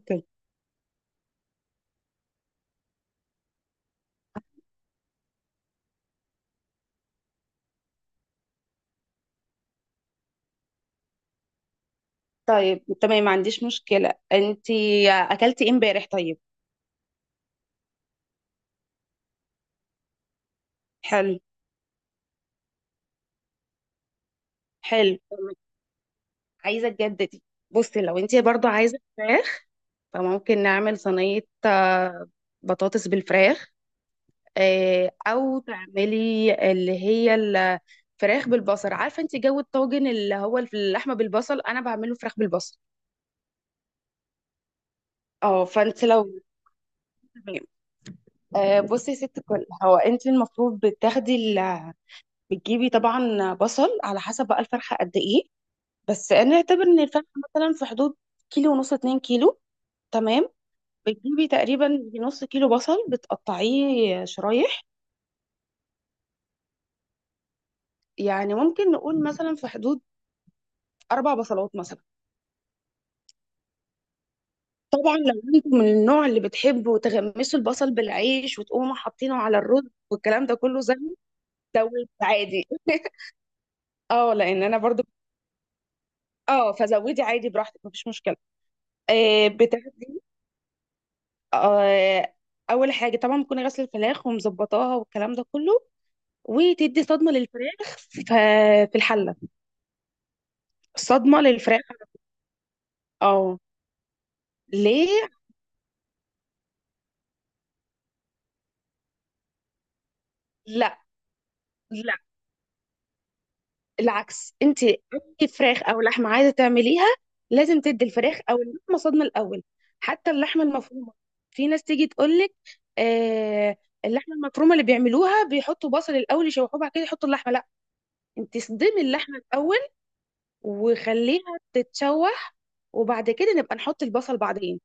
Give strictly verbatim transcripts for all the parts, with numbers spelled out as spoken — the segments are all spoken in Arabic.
اوكي. طيب، تمام، ما عنديش مشكلة. انتي اكلتي ايه امبارح؟ طيب، حلو. حلو. عايزة تجددي. بصي، لو انتي برضو عايزة فراخ فممكن نعمل صينية آه، بطاطس بالفراخ. آه، او تعملي اللي هي الفراخ بالبصل. عارفة انتي جو الطاجن اللي هو اللحمة بالبصل، انا بعمله فراخ بالبصل. اه، فانت لو تمام. آه، بصي يا ست الكل، هو انت المفروض بتاخدي، بتجيبي طبعا بصل على حسب بقى الفرخه قد ايه. بس انا اعتبر ان الفرخه مثلا في حدود كيلو ونص، اتنين كيلو. تمام. بتجيبي تقريبا نص كيلو بصل، بتقطعيه شرايح. يعني ممكن نقول مثلا في حدود اربع بصلات مثلا. طبعا لو انتوا من النوع اللي بتحبوا تغمسوا البصل بالعيش وتقوموا حاطينه على الرز والكلام ده كله، زي زود عادي اه، لان انا برضو، اه، فزودي عادي براحتك، مفيش مشكله. آه بتاخدي، آه، اول حاجه طبعا بكون غسل الفراخ ومظبطاها والكلام ده كله، وتدي صدمه للفراخ ف- في الحله. صدمه للفراخ. اه. ليه؟ لا، لا، العكس. انت اي فراخ او لحمه عايزه تعمليها لازم تدي الفراخ او اللحمه صدمه الاول. حتى اللحمه المفرومه، في ناس تيجي تقول لك، آه، اللحمه المفرومه اللي بيعملوها بيحطوا بصل الاول يشوحوه بعد كده يحطوا اللحمه. لا، انت صدمي اللحمه الاول وخليها تتشوح، وبعد كده نبقى نحط البصل بعدين.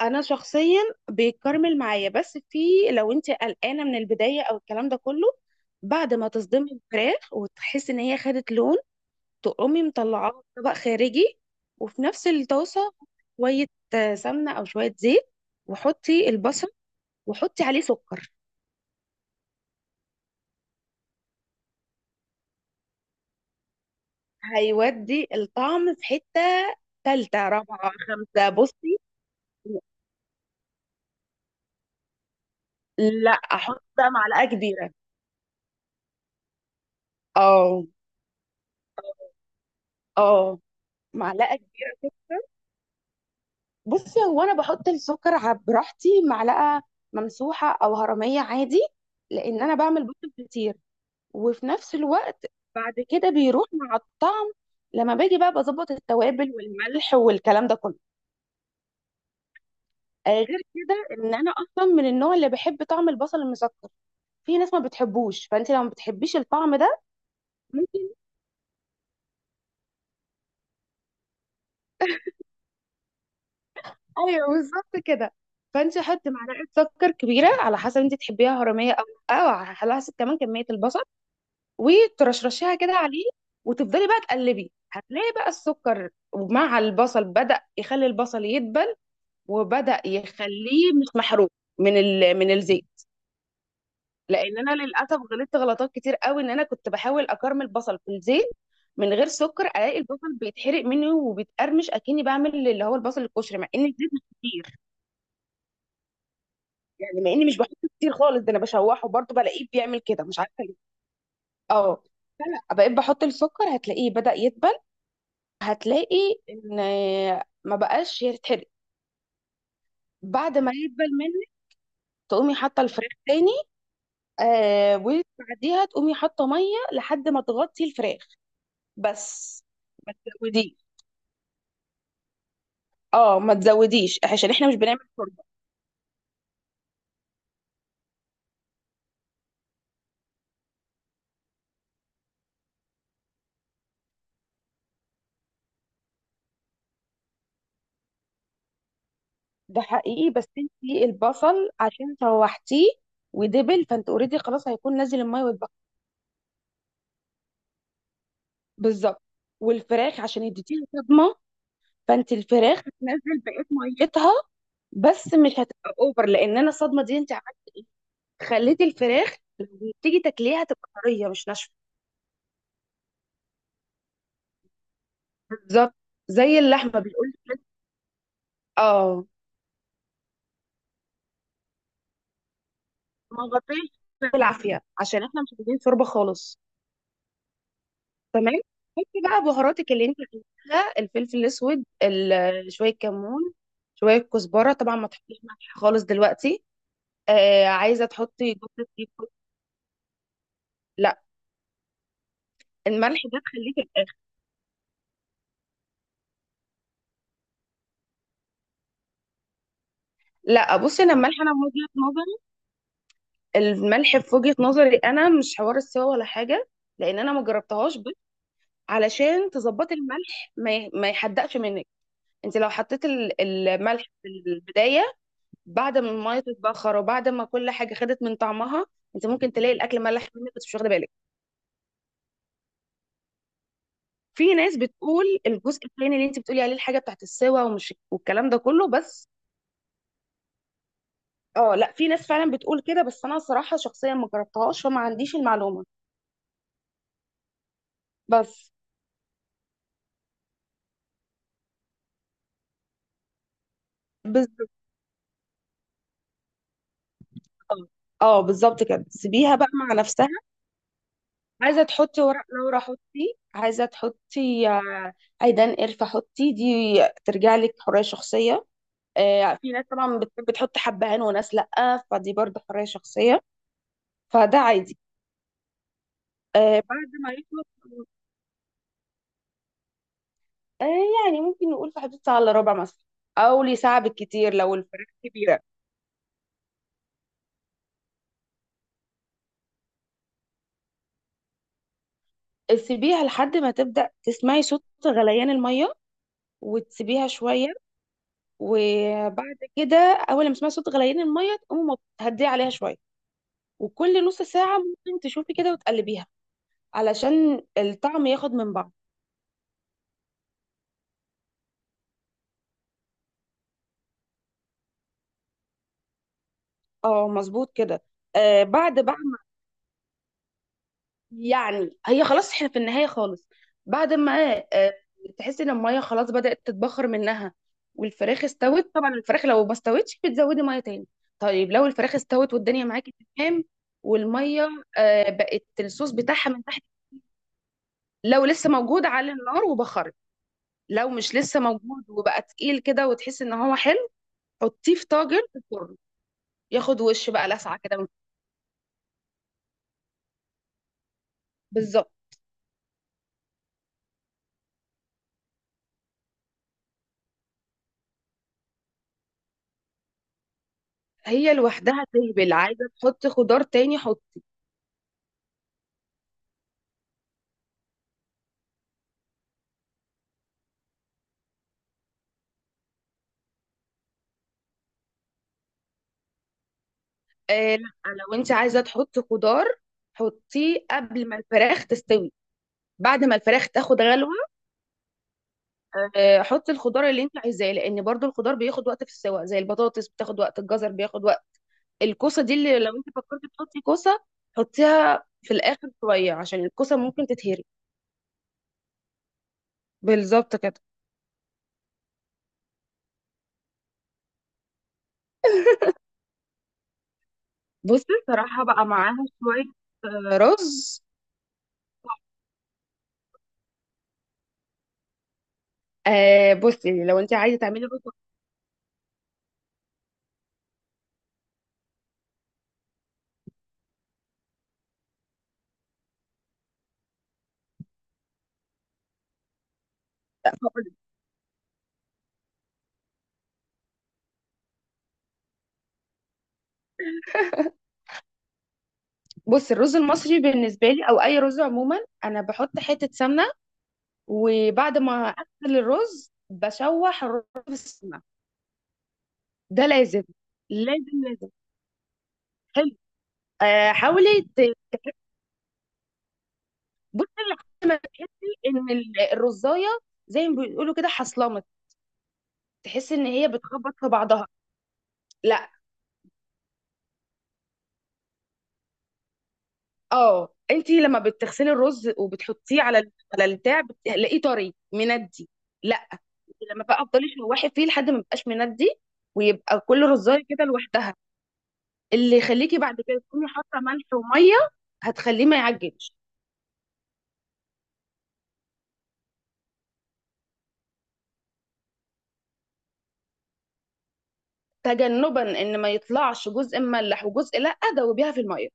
انا شخصيا بيتكرمل معايا، بس في، لو انت قلقانه من البدايه او الكلام ده كله، بعد ما تصدمي الفراخ وتحس ان هي خدت لون، تقومي مطلعاها في طبق خارجي، وفي نفس الطاسه شويه آه، سمنه او شويه زيت، وحطي البصل، وحطي عليه سكر. هيودي الطعم في حته ثالثه، رابعه، خمسه. بصي، لا، احط بقى معلقه كبيره. اه. اه، معلقه كبيره كده. بصي، هو انا بحط السكر ع- براحتي معلقه ممسوحه او هرميه عادي، لان انا بعمل بيض كتير، وفي نفس الوقت بعد كده بيروح مع الطعم، لما باجي بقى بظبط التوابل والملح والكلام ده كله. آه، غير كده ان انا اصلا من النوع اللي بحب طعم البصل المسكر. في ناس ما بتحبوش، فانت لو ما بتحبيش الطعم ده ممكن. ايوه، بالظبط كده. فانت حطي معلقه سكر كبيره على حسب انت تحبيها هرميه او لا، او على حسب كمان كميه البصل، وترشرشيها كده عليه، وتفضلي بقى تقلبي. هتلاقي بقى السكر مع البصل بدأ يخلي البصل يدبل، وبدأ يخليه مش محروق من ال... من الزيت. لان انا للاسف غلطت غلطات كتير قوي، ان انا كنت بحاول اكرمل البصل في الزيت من غير سكر، الاقي البصل بيتحرق مني وبيتقرمش، اكني بعمل اللي هو البصل الكشري، مع ان الزيت مش كتير. يعني مع اني مش بحطه كتير خالص، ده انا بشوحه برضه بلاقيه بيعمل كده، مش عارفه ليه. اه، فلا بقيت بحط السكر هتلاقيه بدأ يدبل، هتلاقي ان ما بقاش يتحرق. بعد ما يدبل منك تقومي حاطه الفراخ تاني، آه، وبعديها تقومي حاطه ميه لحد ما تغطي الفراخ بس، ما تزوديش. اه، ما تزوديش عشان احنا مش بنعمل شوربه. ده حقيقي، بس انتي البصل عشان شوحتيه ودبل فانت اوريدي خلاص هيكون نازل الميه. بالظبط. والفراخ عشان يديها صدمه، فانت الفراخ هتنزل بقيه ميتها، بس مش هتبقى اوفر لان انا الصدمه دي انت عملت ايه، خليتي الفراخ لما تيجي تاكليها تبقى طريه مش ناشفه. بالظبط. زي اللحمه بيقول لك. اه. ما غطيش بالعافيه، عشان احنا مش عايزين شوربه خالص. تمام. حطي بقى بهاراتك اللي انت عايزاها: الفلفل الاسود، ال- شويه كمون، شويه كزبره. طبعا ما تحطيش ملح خالص دلوقتي. آه، عايزه تحطي جوزة الطيب. لا، الملح ده تخليه في الاخر. لا بصي، انا الملح، انا من وجهة نظري، الملح في وجهة نظري انا مش حوار السوا ولا حاجة، لان انا ما جربتهاش، بس علشان تظبطي الملح ما ي- ما يحدقش منك، انت لو حطيت ال- الملح في البداية، بعد ما المية تتبخر وبعد ما كل حاجة خدت من طعمها، انت ممكن تلاقي الاكل ملح منك بس مش واخده بالك. في ناس بتقول الجزء الثاني اللي انت بتقولي عليه الحاجة بتاعت السوا ومش والكلام ده كله، بس اه، لا، في ناس فعلا بتقول كده، بس انا صراحة شخصيا ما جربتهاش، فما عنديش المعلومة. بس. بالظبط. اه. آه، بالظبط كده، سيبيها بقى مع نفسها. عايزه تحطي ورق لورا حطي، عايزه تحطي آه، عيدان قرفه حطي، دي ترجع لك حريه شخصيه. آه، في ناس طبعا بتحب تحط حبهان وناس لا، فدي برضه حريه شخصيه، فده عادي. آه، بعد ما يخلص، آه، يعني ممكن نقول في حدود ساعه الا ربع مثلا، او لساعه بالكتير لو الفراخ كبيره. سيبيها لحد ما تبدا تسمعي صوت غليان الميه، وتسيبيها شويه، وبعد كده اول لما تسمعي صوت غليان الميه تقومي مط- هديه عليها شويه، وكل نص ساعه ممكن تشوفي كده وتقلبيها علشان الطعم ياخد من بعض. اه، مظبوط كده. آه، بعد بقى ما- يعني هي خلاص احنا في النهايه خالص، بعد ما آه، تحسي ان الميه خلاص بدات تتبخر منها والفراخ استوت. طبعا الفراخ لو ما استوتش بتزودي ميه تاني. طيب، لو الفراخ استوت والدنيا معاكي تمام، والميه آه بقت الصوص بتاعها من تحت، لو لسه موجود على النار وبخر، لو مش لسه موجود وبقى تقيل كده وتحس ان هو حلو، حطيه في طاجن في الفرن، ياخد وش بقى لسعه كده من. بالظبط. هي لوحدها تهبل. عايزه تحط خضار تاني حط. آه لا، لو انت عايزه تحط خضار حطيه قبل ما الفراخ تستوي، بعد ما الفراخ تاخد غلوه، آه، حطي الخضار اللي انت عايزاه، لان برضو الخضار بياخد وقت في السوا، زي البطاطس بتاخد وقت، الجزر بياخد وقت. الكوسه دي، اللي لو انت فكرتي تحطي كوسه حطيها في الاخر شويه، عشان الكوسه ممكن تتهري. بالظبط كده. بصي، صراحة بقى معاها شوية آه، رز. آه، بصي، لو انت عايزة تعملي رز هقولك. بصي الرز المصري بالنسبة لي، او اي رز عموما، انا بحط حتة سمنة، وبعد ما اغسل الرز بشوح الرز في السمنة، ده لازم. لازم لازم. حلو. آه، حاولي ت- بصي لحد ما تحسي ان ال- الرزاية، زي ما بيقولوا كده، حصلمت، تحسي ان هي بتخبط في بعضها. لا، اه، انت لما بتغسلي الرز وبتحطيه على ال- على البتاع بتلاقيه طري مندي. لا، انت لما بقى افضلي شوحي فيه لحد ما يبقاش مندي، ويبقى كل رزايه كده لوحدها، اللي يخليكي بعد كده تكوني حاطه ملح وميه، هتخليه ما يعجنش. تجنبا ان ما يطلعش جزء مملح وجزء لا، دوبيها في الميه.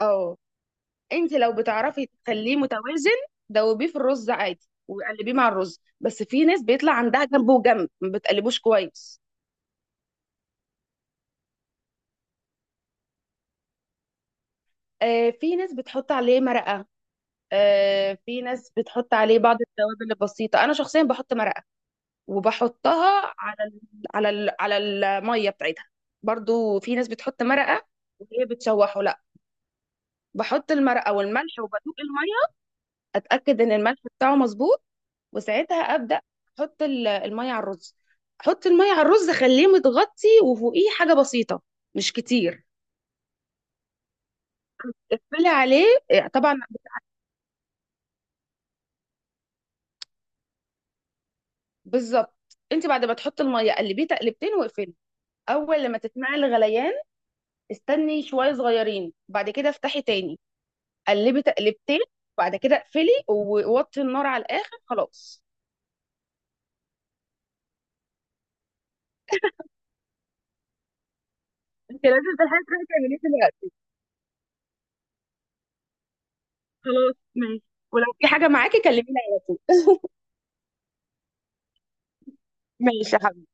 اه، انت لو بتعرفي تخليه متوازن، دوبيه في الرز عادي وقلبيه مع الرز، بس في ناس بيطلع عندها جنب وجنب ما بتقلبوش كويس. آه، في ناس بتحط عليه مرقة، آه، في ناس بتحط عليه بعض التوابل البسيطة. أنا شخصيا بحط مرقة، وبحطها على ال على ال على المية بتاعتها. برضو في ناس بتحط مرقة وهي بتشوحه، لا، بحط المرقة والملح وبدوق المية، أتأكد إن الملح بتاعه مظبوط، وساعتها أبدأ أحط ال- المية على الرز. أحط المية على الرز، أخليه متغطي وفوقيه حاجة بسيطة، مش كتير. اقفلي عليه. آه، طبعا. بالظبط، انت بعد ما تحطي الميه قلبيه تقلبتين واقفلي، اول لما تسمعي الغليان استني شويه صغيرين، بعد كده افتحي تاني، قلبي تقلبتين، بعد كده اقفلي ووطي النار على الاخر خلاص. انت لازم تلحقي تروحي تعمليه دلوقتي. خلاص ماشي، ولو في حاجه معاكي كلميني على طول ماشي يا حبيبتي.